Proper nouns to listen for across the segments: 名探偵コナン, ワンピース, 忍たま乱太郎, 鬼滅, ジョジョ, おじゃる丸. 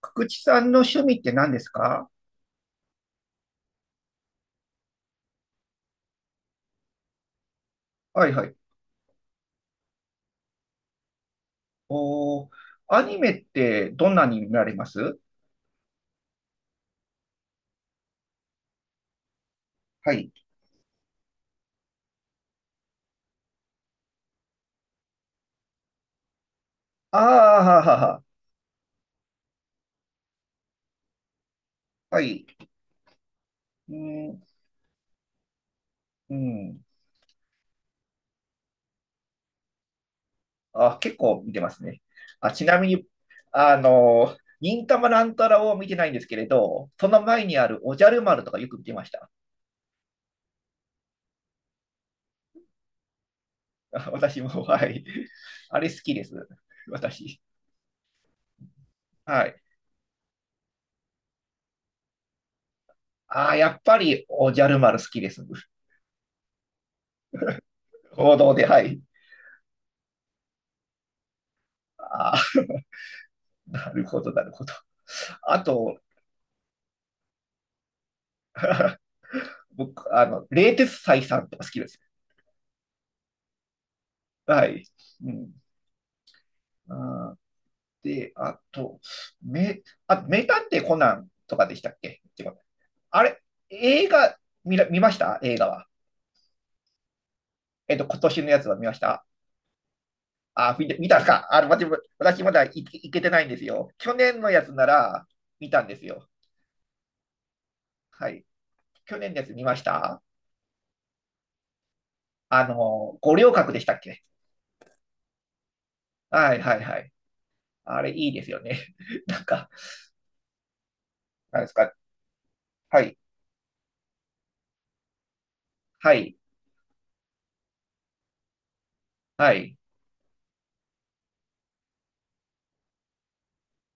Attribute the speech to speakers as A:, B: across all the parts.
A: 福地さんの趣味って何ですか？はいはい。おー、アニメってどんなに見られます？はい。ああ、ははは。はい。うん、うん。あ、結構見てますね。あ、ちなみに、忍たま乱太郎を見てないんですけれど、その前にあるおじゃる丸とかよく見てました。私も、はい。あれ好きです、私。はい。ああ、やっぱりおじゃる丸好きです。王道で、はい。ああ、なるほど、なるほど。あと、僕、冷徹斎さんとか好きです。はい。うん。あ、で、あと、あ、名探偵コナンとかでしたっけってこと？あれ、映画見ました映画は？今年のやつは見ました？あ、見て見たんですか？私まだ行けてないんですよ。去年のやつなら見たんですよ。はい。去年のやつ見ました？あの、五稜郭でしたっけ？はいはいはい。あれいいですよね。なんか、何ですか？はい、はい、はい、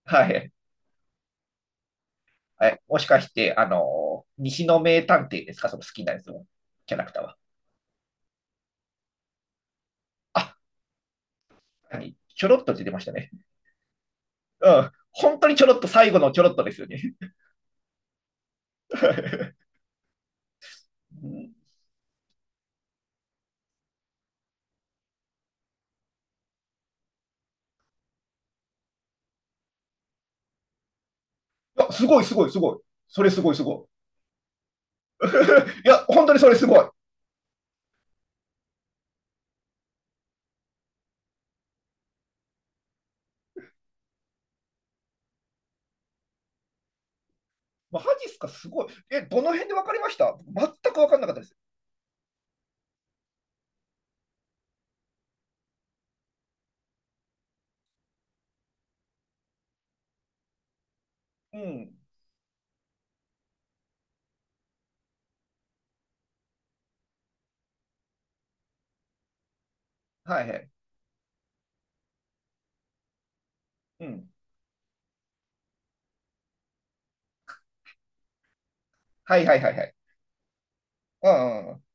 A: はい。はい、もしかして、あの西の名探偵ですか、その好きなやつのキャラクターは？あ、何ちょろっと出てましたね。うん。本当にちょろっと、最後のちょろっとですよね。うん。あ すごい、すごい、すごい。それすごい、すごい。いや、本当にそれすごい。マジっすか、すごい。え、どの辺で分かりました？全く分かんなかったです。うん。はいはい。うん。はいはいはいはい。うんうんうん。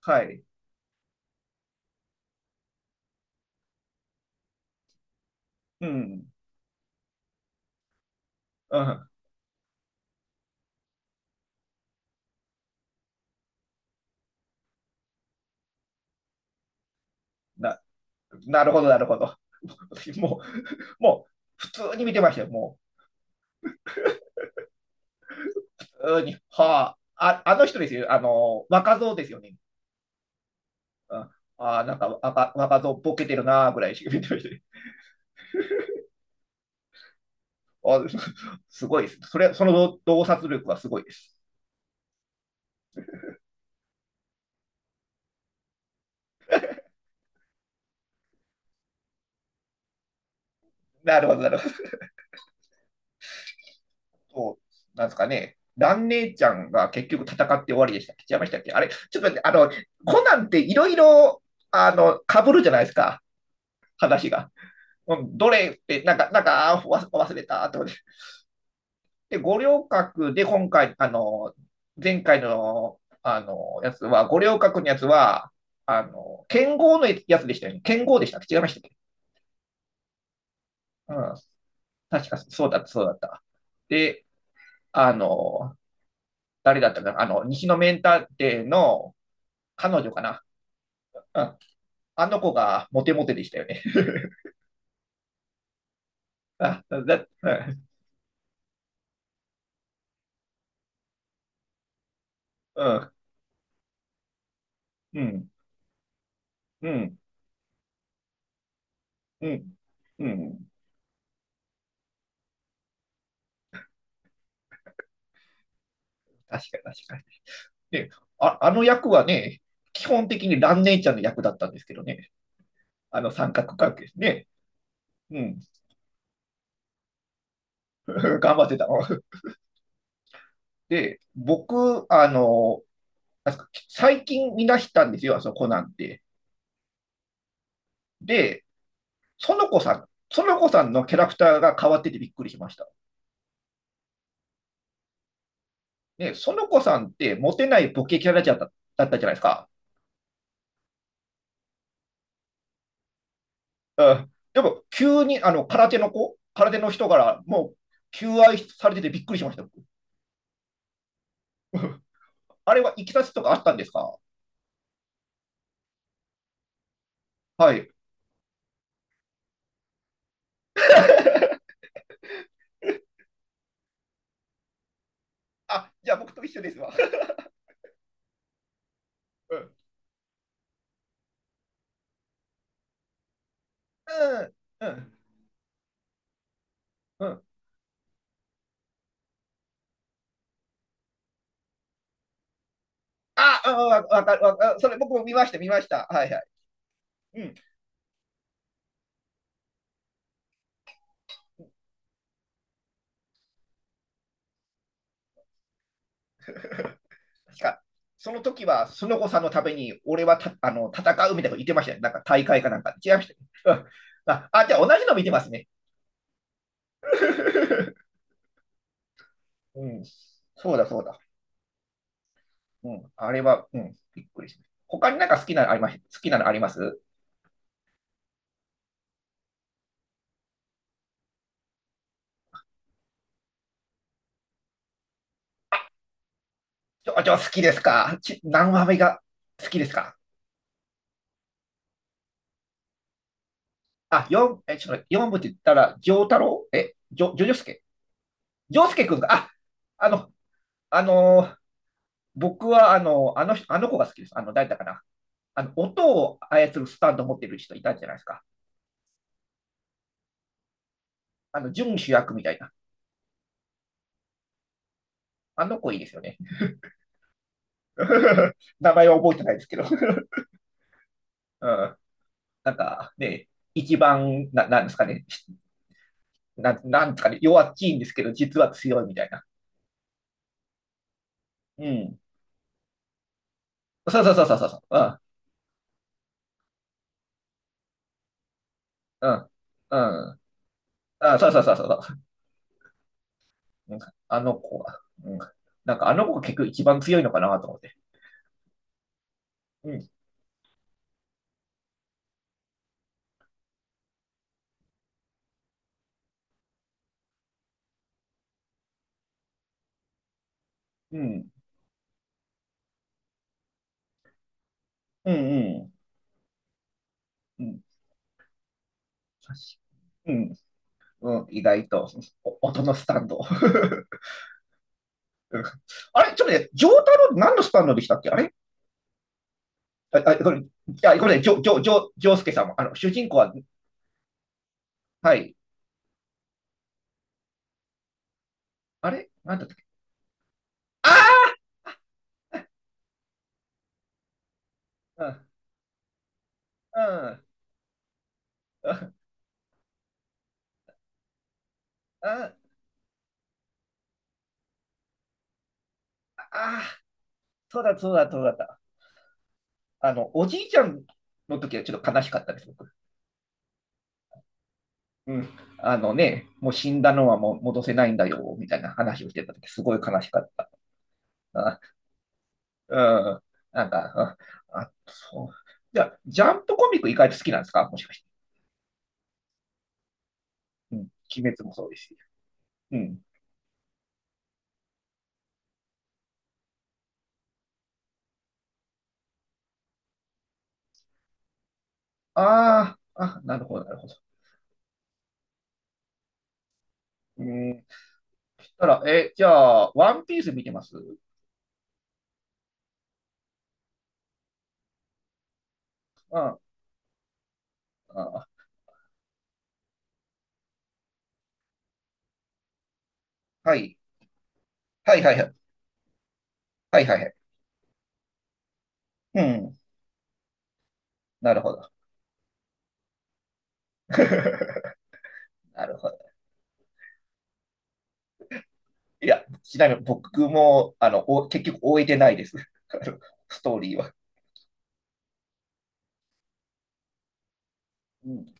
A: はい。うん。うん。な、なるほど、なるほど。もう、もう、普通に見てましたよ。もう、普通に。はあ、あ、あの人ですよ。あの、若造ですよね。うん、ああ、なんか若造ボケてるな、ぐらいしか 見てましたね。あ すごいです。それ、その洞察力はすごいです。なるほど、なるほど。そうなんですかね。蘭姉ちゃんが結局戦って終わりでした。違いましたっけ？あれ、ちょっと待って、あの、コナンっていろいろ、あの、被るじゃないですか、話が。どれって、なんか、なんか、忘れた、と。で、五稜郭で今回、あの、前回の、あの、やつは、五稜郭のやつは、あの、剣豪のやつでしたよね。剣豪でしたっけ、違いましたっけ？うん。確かそうだった、そうだった。で、あの、誰だったかな、あの、西のメンターの彼女かな。うん。あの子がモテモテでしたよね。あ、だ、うん、うん、うん、うん、うん。確かに確かに。ね、ああの役はね、基本的にラネ姉ちゃんの役だったんですけどね、あの三角関係ですね。うん、頑張ってたの。で、僕、あの、最近見出したんですよ、あそこなんて。で、園子さん、園子さんのキャラクターが変わっててびっくりしました。ね、園子さんってモテないボケキャラだっただったじゃないですか。うん、でも、急にあの空手の子、空手の人からもう求愛されててびっくりしました。あれはいきさつとかあったんですか？はい。あ、じゃあ僕と一緒ですわ。うん。うん。うん。うん、あ、うん、わかる、わかる。それ僕も見ました、見ました。はいはい。うん。確か、その時は、スノコさんのために、俺はたあの戦うみたいなこと言ってましたね。なんか大会かなんか。違いました、ね。うん。あ、あ、じゃあ同じの見てますね。うん。そうだ、そうだ。うん。あれは、うん、びっくりしました。他になんか好きなのあります？好きなのあります？ちょ、ちょ、じゃあ好きですか、何話目が好きですか？あ、え、ちょっと待って四部って言ったら、丈太郎、え、ジョスケくんが、あ、あの、あのー僕は、あの、あの人、あの子が好きです。あの、誰だかな。あの、音を操るスタンド持ってる人いたんじゃないですか。あの、準主役みたいな。あの子いいですよね。名前は覚えてないですけど。うん。なんか、ね、一番、な、なんですかね。なんですかね。弱っちいんですけど、実は強いみたいな。うん。そうそうそうそうそう。うん。うん。うん。あ、そうそうそうそう。うん。あの子は、うん、なんかあの子が結局一番強いのかなと思って。うん、うん、うん、うん、うん、うん、うん、意外と、お音のスタンド。うん。あれ、ちょっとね、ジョータロウ何のスタンドでしたっけ？あれ、あ、あこれ、いや、これ、ジョースケさんも、あの、主人公は、はい。あれなんだったっけ？ああ、うん、うん、ああ、そうだ、そうだ、そうだった。あの、おじいちゃんの時はちょっと悲しかったです、僕。うん。あのね、もう死んだのはもう戻せないんだよ、みたいな話をしてた時、すごい悲しかった。あ、うん。なんか、あ、あそう。じゃあ、ジャンプコミック意外と好きなんですか、もしかして？うん。鬼滅もそうですし。うん。ああ、あ、なるほど、なるほど。うん。そしたら、え、じゃあ、ワンピース見てます？ああ、はい。はいはいはい。はいはいはい。うん。なるほど。なるほど。いや、ちなみに僕も、あの、お、結局終えてないです。あのストーリーは。うん